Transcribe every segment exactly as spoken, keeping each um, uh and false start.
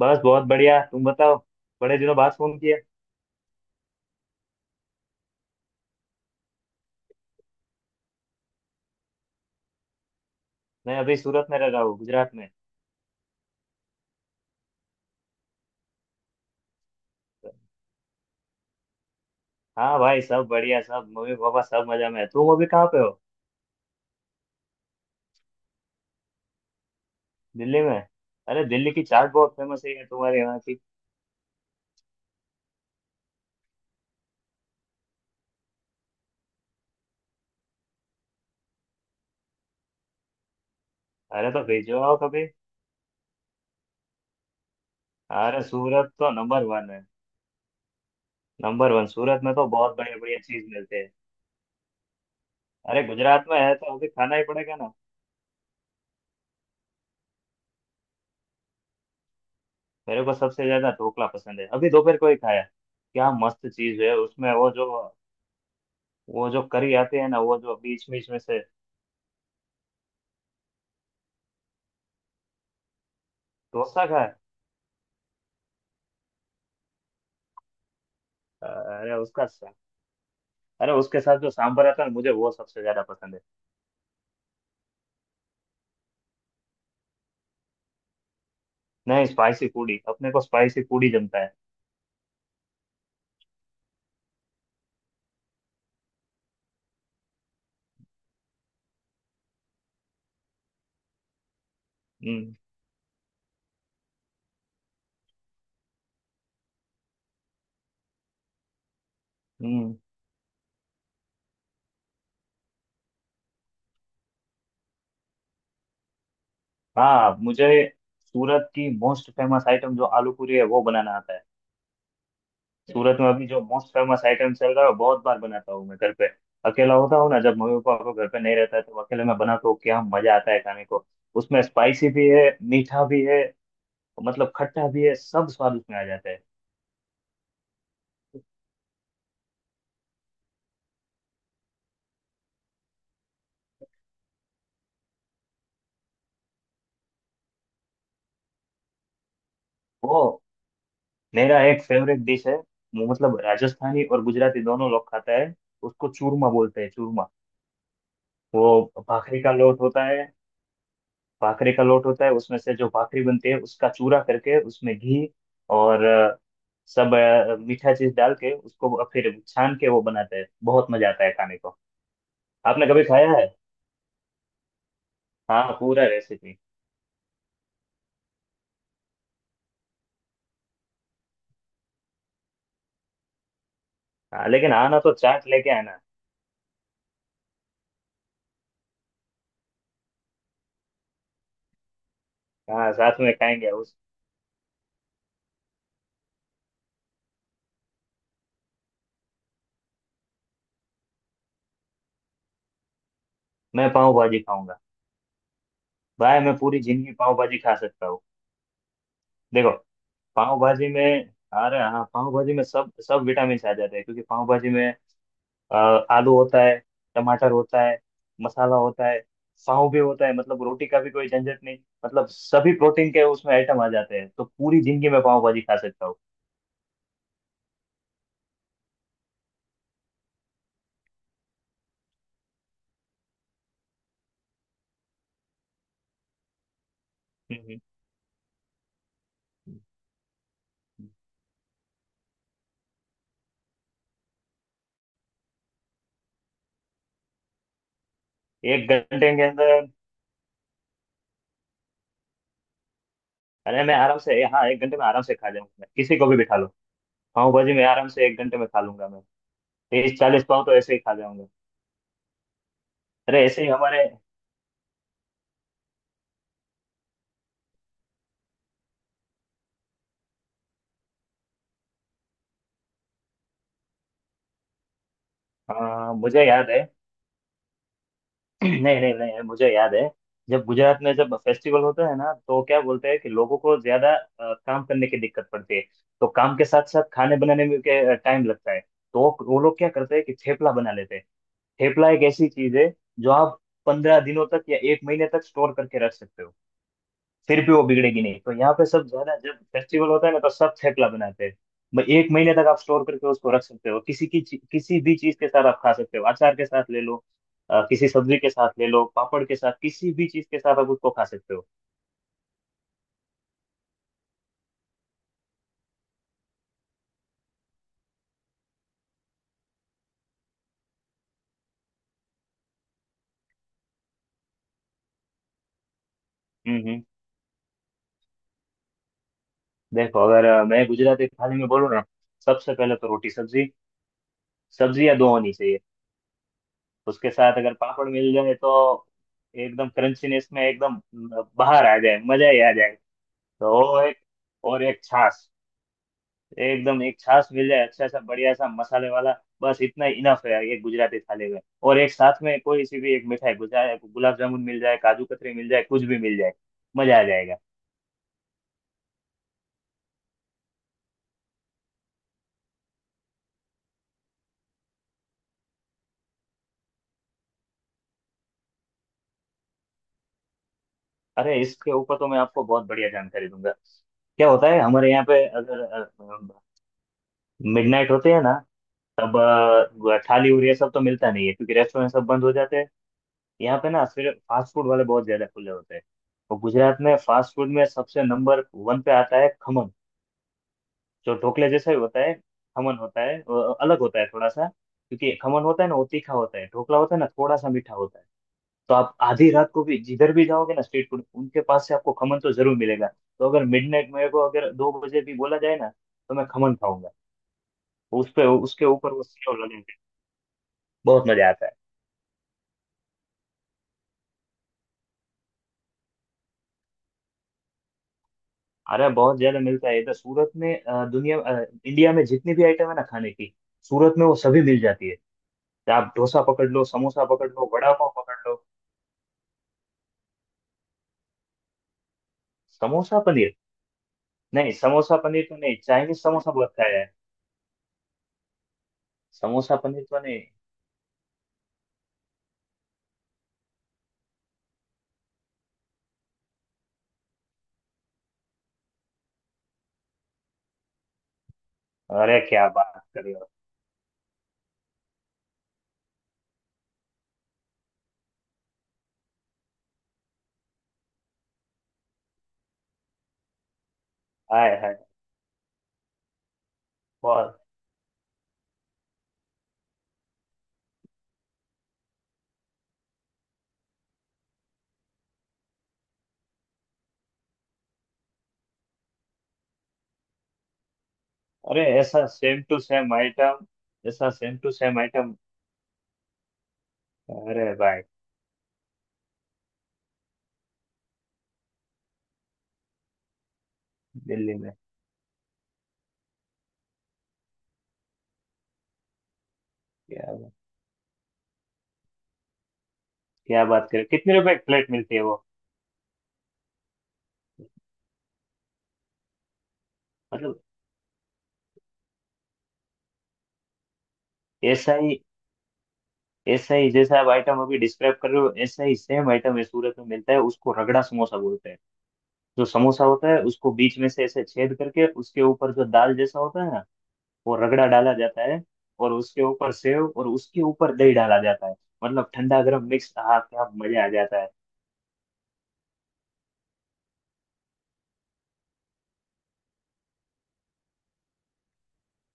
बस बहुत बढ़िया। तुम बताओ। बड़े दिनों बाद फोन किया। मैं अभी सूरत में रह रहा हूँ, गुजरात में। हाँ भाई, सब बढ़िया, सब मम्मी पापा सब मजा में है। तुम अभी कहाँ पे हो? दिल्ली में? अरे दिल्ली की चाट बहुत फेमस है यार, तुम्हारे यहाँ की। अरे तो भेजो, आओ कभी। अरे सूरत तो नंबर वन है, नंबर वन। सूरत में तो बहुत बढ़िया बढ़िया चीज मिलते हैं। अरे गुजरात में है तो अभी खाना ही पड़ेगा ना। मेरे को सबसे ज्यादा ढोकला पसंद है, अभी दोपहर को ही खाया। क्या मस्त चीज है उसमें। वो जो वो जो करी आती है ना, वो जो बीच बीच में से। डोसा खाया। अरे उसका सा- अरे उसके साथ जो सांभर आता है ना, मुझे वो सबसे ज्यादा पसंद है। नहीं स्पाइसी फूड ही, अपने को स्पाइसी फूड ही जमता है। हम्म हम्म। हाँ मुझे। सूरत की मोस्ट फेमस आइटम जो आलू पूरी है, वो बनाना आता है। सूरत में अभी जो मोस्ट फेमस आइटम चल रहा है वो बहुत बार बनाता हूँ मैं घर पे। अकेला होता हूँ ना, जब मम्मी पापा को घर पे नहीं रहता है तो अकेले में बनाता हूँ। क्या मजा आता है खाने को। उसमें स्पाइसी भी है, मीठा भी है, मतलब खट्टा भी है, सब स्वाद उसमें आ जाता है। वो मेरा एक फेवरेट डिश है, वो मतलब राजस्थानी और गुजराती दोनों लोग खाता है। उसको चूरमा बोलते हैं, चूरमा। वो भाखरी का लोट होता है। भाखरी का लोट होता है, उसमें से जो भाखरी बनती है उसका चूरा करके उसमें घी और अ, सब अ, मीठा चीज डाल के उसको फिर छान के वो बनाते हैं। बहुत मजा आता है खाने को। आपने कभी खाया है? हाँ पूरा रेसिपी। हाँ लेकिन आना तो चाट लेके आना। हाँ साथ में खाएंगे उस। मैं पाव भाजी खाऊंगा। भाई मैं पूरी जिंदगी पाव भाजी खा सकता हूँ। देखो, पाव भाजी में। अरे हाँ, पाव भाजी में सब सब विटामिन आ जाते हैं क्योंकि पाव भाजी में अ, आलू होता है, टमाटर होता है, मसाला होता है, पाव भी होता है, मतलब रोटी का भी कोई झंझट नहीं। मतलब सभी प्रोटीन के उसमें आइटम आ जाते हैं, तो पूरी जिंदगी में पाव भाजी खा सकता हूँ। हम्म, हम्म। एक घंटे के अंदर। अरे मैं आराम से, हाँ एक घंटे में आराम से खा जाऊंगा, मैं किसी को भी बिठा लो। पाव भाजी में आराम से एक घंटे में खा लूंगा मैं। तीस चालीस पाव तो ऐसे ही खा जाऊंगा। अरे ऐसे ही हमारे अ, मुझे याद है। नहीं नहीं नहीं मुझे याद है। जब गुजरात में जब फेस्टिवल होता है ना तो क्या बोलते हैं कि लोगों को ज्यादा अ, काम करने की दिक्कत पड़ती है। तो काम के साथ साथ खाने बनाने में के टाइम लगता है, तो वो वो लोग क्या करते हैं कि थेपला बना लेते हैं। थेपला एक ऐसी चीज है जो आप पंद्रह दिनों तक या एक महीने तक स्टोर करके रख सकते हो, फिर भी वो बिगड़ेगी नहीं। तो यहाँ पे सब ज्यादा जब फेस्टिवल होता है ना तो सब थेपला बनाते हैं। भाई एक महीने तक आप स्टोर करके उसको रख सकते हो। किसी की ची- किसी भी चीज के साथ आप खा सकते हो, अचार के साथ ले लो, अ, किसी सब्जी के साथ ले लो, पापड़ के साथ, किसी भी चीज के साथ आप उसको खा सकते हो। हम्म हम्म। देखो, अगर अ, मैं गुजराती थाली में बोलूँ ना, सबसे पहले तो रोटी सब्जी, सब्जी या दो होनी चाहिए। उसके साथ अगर पापड़ मिल जाए तो एकदम क्रंचीनेस में एकदम अ, बाहर आ जाए, मजा ही आ जाए। तो वो एक, और एक छाछ, एकदम एक छाछ मिल जाए अच्छा सा बढ़िया सा मसाले वाला। बस इतना इनफ है ये गुजराती थाली में। और एक साथ में कोई सी भी एक मिठाई, गुजरा गुलाब जामुन मिल जाए, काजू कतरी मिल जाए, कुछ भी मिल जाए, मजा आ जाएगा। अरे इसके ऊपर तो मैं आपको बहुत बढ़िया जानकारी दूंगा। क्या होता है हमारे यहाँ पे, अगर मिडनाइट होते हैं ना, तब अ, थाली और ये सब तो मिलता नहीं है क्योंकि रेस्टोरेंट सब बंद हो जाते हैं यहाँ पे ना, फिर फास्ट फूड वाले बहुत ज्यादा खुले होते हैं। और गुजरात में फास्ट फूड में सबसे नंबर वन पे आता है खमन, जो ढोकले जैसा ही होता है। खमन होता है, अ, अलग होता है थोड़ा सा, क्योंकि खमन होता है ना वो तीखा होता है, ढोकला होता है ना थोड़ा सा मीठा होता है। तो आप आधी रात को भी जिधर भी जाओगे ना, स्ट्रीट फूड उनके पास से आपको खमन तो जरूर मिलेगा। तो अगर मिडनाइट मेरे को अगर दो बजे भी बोला जाए ना, तो मैं खमन खाऊंगा। उस पे, उसके ऊपर वो सेव लगेंगे, बहुत मजा आता है। अरे बहुत ज्यादा मिलता है इधर सूरत में। अ, दुनिया अ, इंडिया में जितनी भी आइटम है ना खाने की, सूरत में वो सभी मिल जाती है। आप डोसा पकड़ लो, समोसा पकड़ लो, वड़ा पाव पकड़ लो। समोसा पनीर? नहीं, समोसा पनीर तो नहीं, चाइनीज समोसा बहुत खाया है। समोसा पनीर तो नहीं। अरे क्या बात कर रहे हो! हाय हाय। बहुत। अरे ऐसा सेम टू सेम आइटम। ऐसा सेम टू सेम आइटम। अरे भाई। दिल्ली में? क्या बात- क्या बात कर रहे हो? कितने रुपए एक प्लेट मिलती है वो? मतलब। ऐसा ही, ऐसा ही जैसा आप आइटम अभी डिस्क्राइब कर रहे हो, ऐसा ही सेम आइटम है सूरत में मिलता है, उसको रगड़ा समोसा बोलते हैं। जो समोसा होता है उसको बीच में से ऐसे छेद करके, उसके ऊपर जो दाल जैसा होता है ना, वो रगड़ा डाला जाता है। और उसके ऊपर सेव, और उसके ऊपर दही डाला जाता है। मतलब ठंडा गर्म मिक्स, हाँ क्या मजा आ जाता है।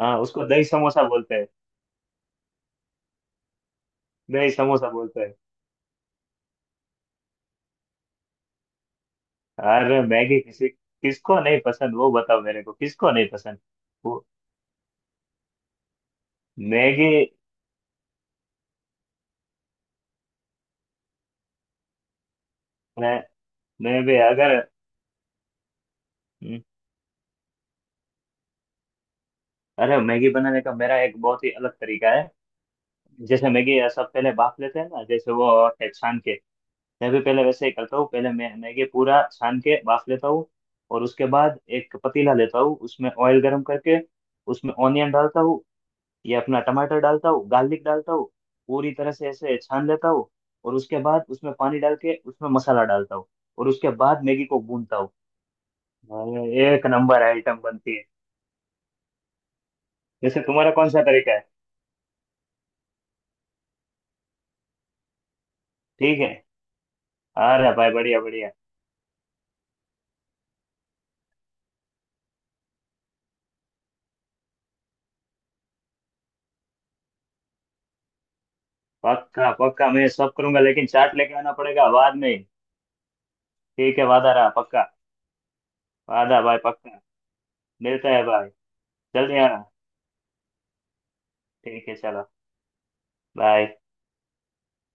हाँ उसको दही समोसा बोलते हैं। दही समोसा बोलते हैं। अरे मैगी किसी किसको नहीं पसंद, वो बताओ मेरे को, किसको नहीं पसंद। वो मैगी। मैं मैं भी अगर। हम्म, अरे मैगी बनाने का मेरा एक बहुत ही अलग तरीका है। जैसे मैगी सब पहले भाप लेते हैं ना, जैसे वो होते हैं छान के। मैं भी पहले वैसे ही करता हूँ, पहले मैं मैगी पूरा छान के बाफ लेता हूँ। और उसके बाद एक पतीला लेता हूँ, उसमें ऑयल गर्म करके उसमें ऑनियन डालता हूँ, या अपना टमाटर डालता हूँ, गार्लिक डालता हूँ, पूरी तरह से ऐसे छान लेता हूँ। और उसके बाद उसमें पानी डाल के उसमें मसाला डालता हूँ। और उसके बाद मैगी को भूनता हूँ। भाई, एक नंबर आइटम बनती है। जैसे तुम्हारा कौन सा तरीका है? ठीक है। अरे भाई बढ़िया बढ़िया। पक्का पक्का मैं सब करूंगा, लेकिन चाट लेके आना पड़ेगा बाद में। ठीक है वादा रहा पक्का। वादा भाई पक्का। मिलते हैं भाई। जल्दी आना। ठीक है चलो। बाय।